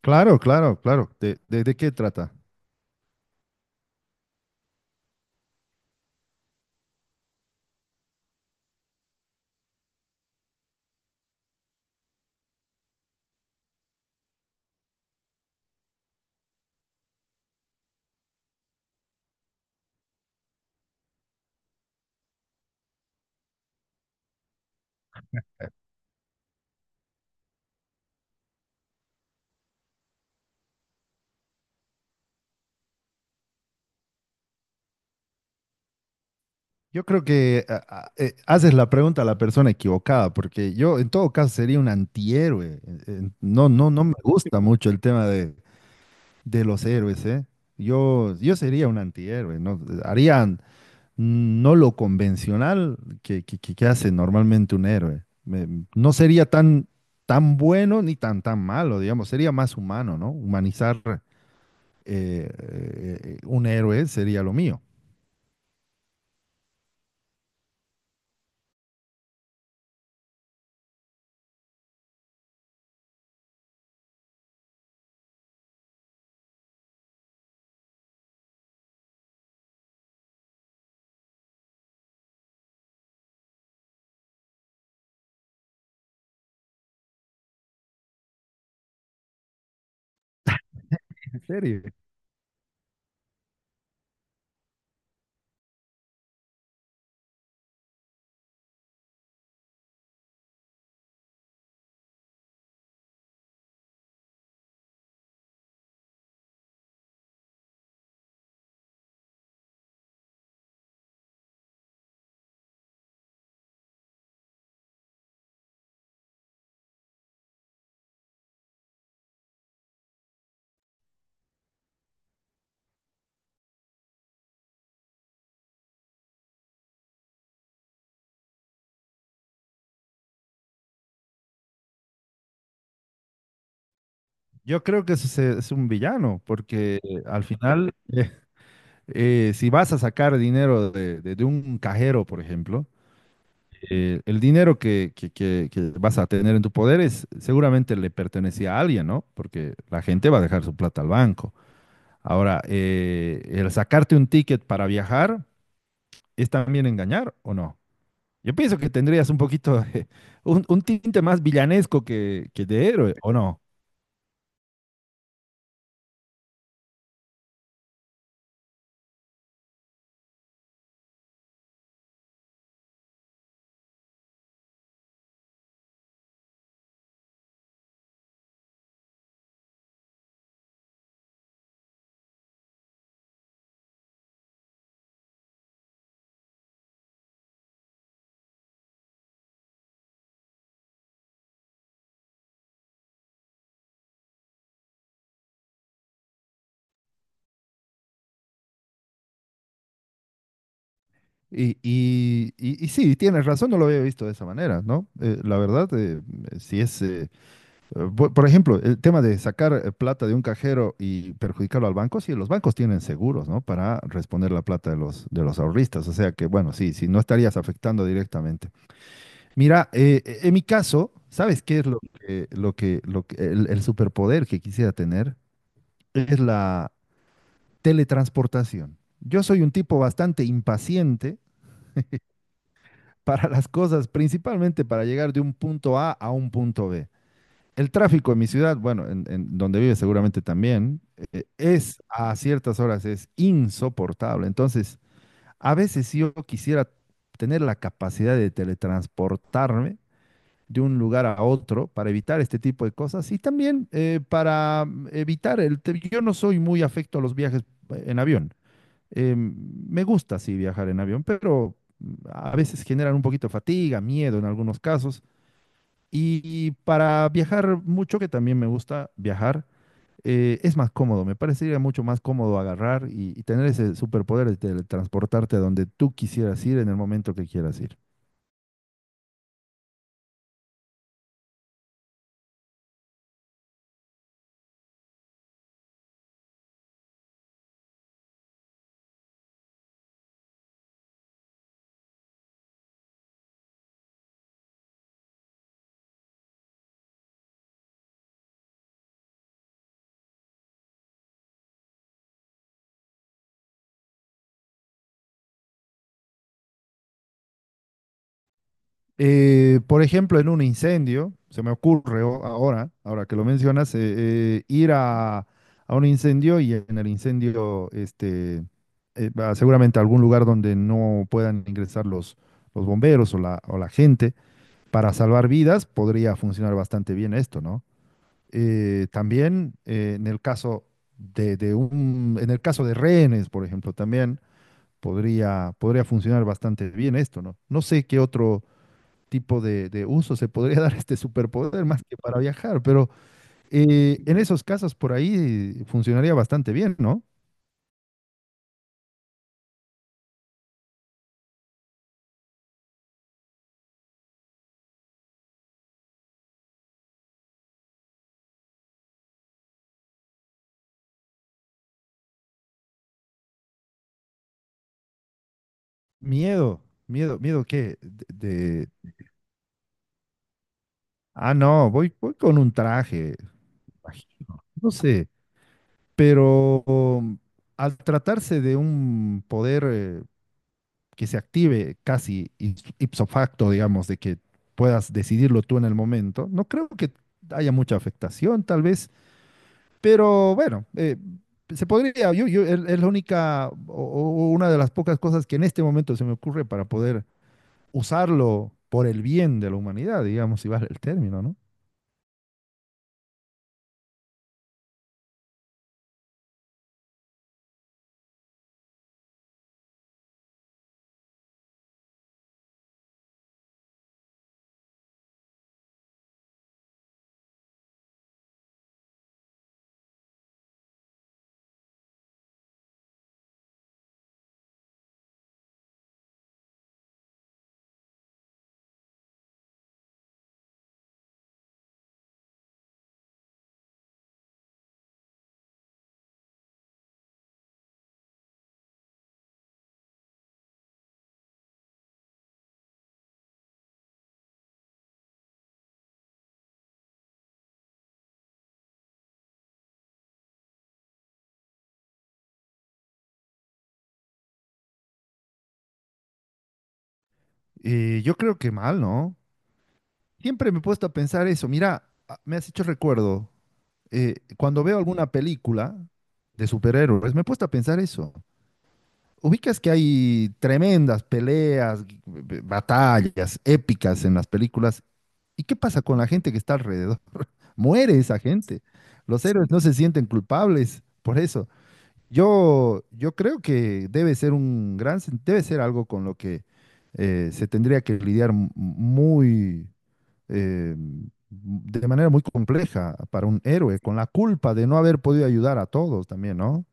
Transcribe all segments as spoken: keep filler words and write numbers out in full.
Claro, claro, claro. ¿De, de- de qué trata? Yo creo que ah, ah, eh, haces la pregunta a la persona equivocada, porque yo en todo caso sería un antihéroe. Eh, eh, No, no, no me gusta mucho el tema de, de los héroes, ¿eh? Yo, yo sería un antihéroe, ¿no? Harían mm, no lo convencional que, que, que- que hace normalmente un héroe. Me- no sería tan, tan bueno ni tan, tan malo, digamos. Sería más humano, ¿no? Humanizar eh, eh, eh, un héroe sería lo mío. En serio. Yo creo que ese es un villano, porque eh, al final, eh, eh, si vas a sacar dinero de, de- de un cajero, por ejemplo, eh, el dinero que, que- que- que vas a tener en tu poder es, seguramente le pertenecía a alguien, ¿no? Porque la gente va a dejar su plata al banco. Ahora, eh, el sacarte un ticket para viajar es también engañar, ¿o no? Yo pienso que tendrías un poquito de- un, un tinte más villanesco que, que de héroe, ¿o no? Y, y, y- y sí, tienes razón, no lo había visto de esa manera, ¿no? Eh, la verdad, eh, si es, eh, eh, por, por ejemplo, el tema de sacar eh, plata de un cajero y perjudicarlo al banco, sí, los bancos tienen seguros, ¿no? Para responder la plata de los, de los ahorristas, o sea que, bueno, sí, sí, no estarías afectando directamente. Mira, eh, eh, en mi caso, ¿sabes qué es lo que, lo que, lo que, el, el superpoder que quisiera tener? Es la teletransportación. Yo soy un tipo bastante impaciente para las cosas, principalmente para llegar de un punto A a un punto B. El tráfico en mi ciudad, bueno, en, en donde vive seguramente también, eh, es a ciertas horas es insoportable. Entonces, a veces si yo quisiera tener la capacidad de teletransportarme de un lugar a otro para evitar este tipo de cosas y también eh, para mm, evitar el... te- Yo no soy muy afecto a los viajes eh, en avión. Eh, me gusta, sí, viajar en avión, pero a veces generan un poquito de fatiga, miedo en algunos casos. Y y para viajar mucho, que también me gusta viajar, eh, es más cómodo. Me parecería mucho más cómodo agarrar y, y tener ese superpoder de teletransportarte a donde tú quisieras ir en el momento que quieras ir. Eh, por ejemplo, en un incendio, se me ocurre o- ahora, ahora que lo mencionas, eh, eh, ir a, a un incendio y en el incendio, este, eh, va seguramente a algún lugar donde no puedan ingresar los, los bomberos o la, o la gente para salvar vidas, podría funcionar bastante bien esto, ¿no? Eh, también eh, en el caso de, de un, en el caso de rehenes, por ejemplo, también podría, podría funcionar bastante bien esto, ¿no? No sé qué otro tipo de, de uso se podría dar este superpoder más que para viajar, pero eh, en esos casos por ahí funcionaría bastante bien, ¿no? Miedo. Miedo, miedo qué, de, de- ah, no, voy, voy con un traje, imagino, no sé, pero um, al tratarse de un poder eh, que se active casi is- ipso facto, digamos, de que puedas decidirlo tú en el momento, no creo que haya mucha afectación, tal vez. Pero bueno, eh, se podría, yo, yo, es es la única o, o una de las pocas cosas que en este momento se me ocurre para poder usarlo por el bien de la humanidad, digamos, si vale el término, ¿no? Eh, yo creo que mal, ¿no? Siempre me he puesto a pensar eso. Mira, a- me has hecho recuerdo, eh, cuando veo alguna película de superhéroes, me he puesto a pensar eso. Ubicas que hay tremendas peleas, g- b- batallas épicas en las películas. ¿Y qué pasa con la gente que está alrededor? Muere esa gente. Los héroes no se sienten culpables por eso. Yo, yo creo que debe ser un gran, sen- debe ser algo con lo que eh, se tendría que lidiar m- muy, eh, m- de manera muy compleja para un héroe, con la culpa de no haber podido ayudar a todos también, ¿no?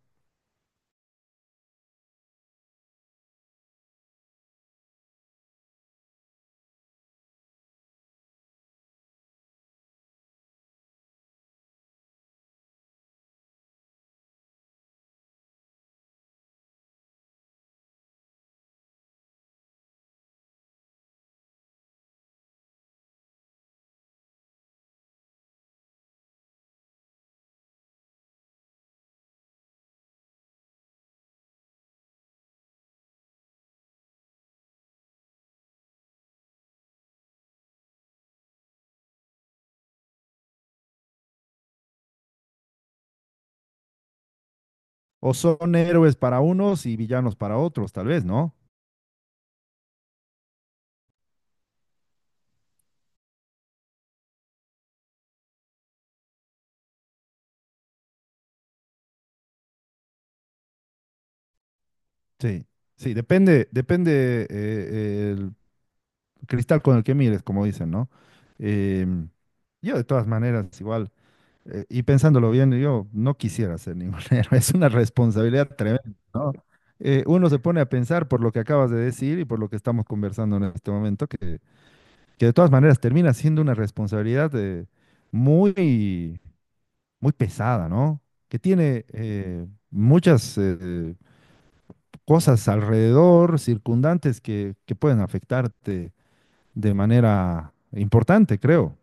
O son héroes para unos y villanos para otros, tal vez, ¿no? Sí, sí, depende, depende eh, cristal con el que mires, como dicen, ¿no? Em, yo de todas maneras, igual, eh, y pensándolo bien, yo no quisiera ser ningún héroe, es una responsabilidad tremenda, ¿no? Eh, uno se pone a pensar por lo que acabas de decir y por lo que estamos conversando en este momento, que, que de todas maneras termina siendo una responsabilidad eh, muy, muy pesada, ¿no? Que tiene eh, muchas eh, cosas alrededor, circundantes que, que pueden afectarte de manera importante, creo.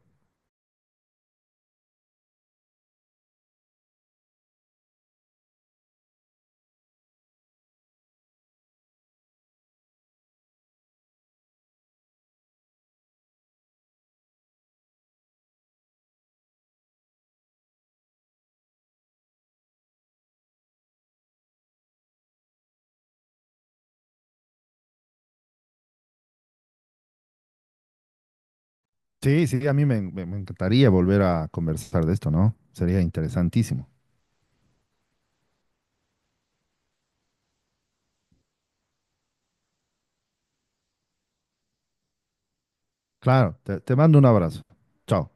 Sí, sí, a mí me, me- me encantaría volver a conversar de esto, ¿no? Sería interesantísimo. Claro, te te mando un abrazo. Chao.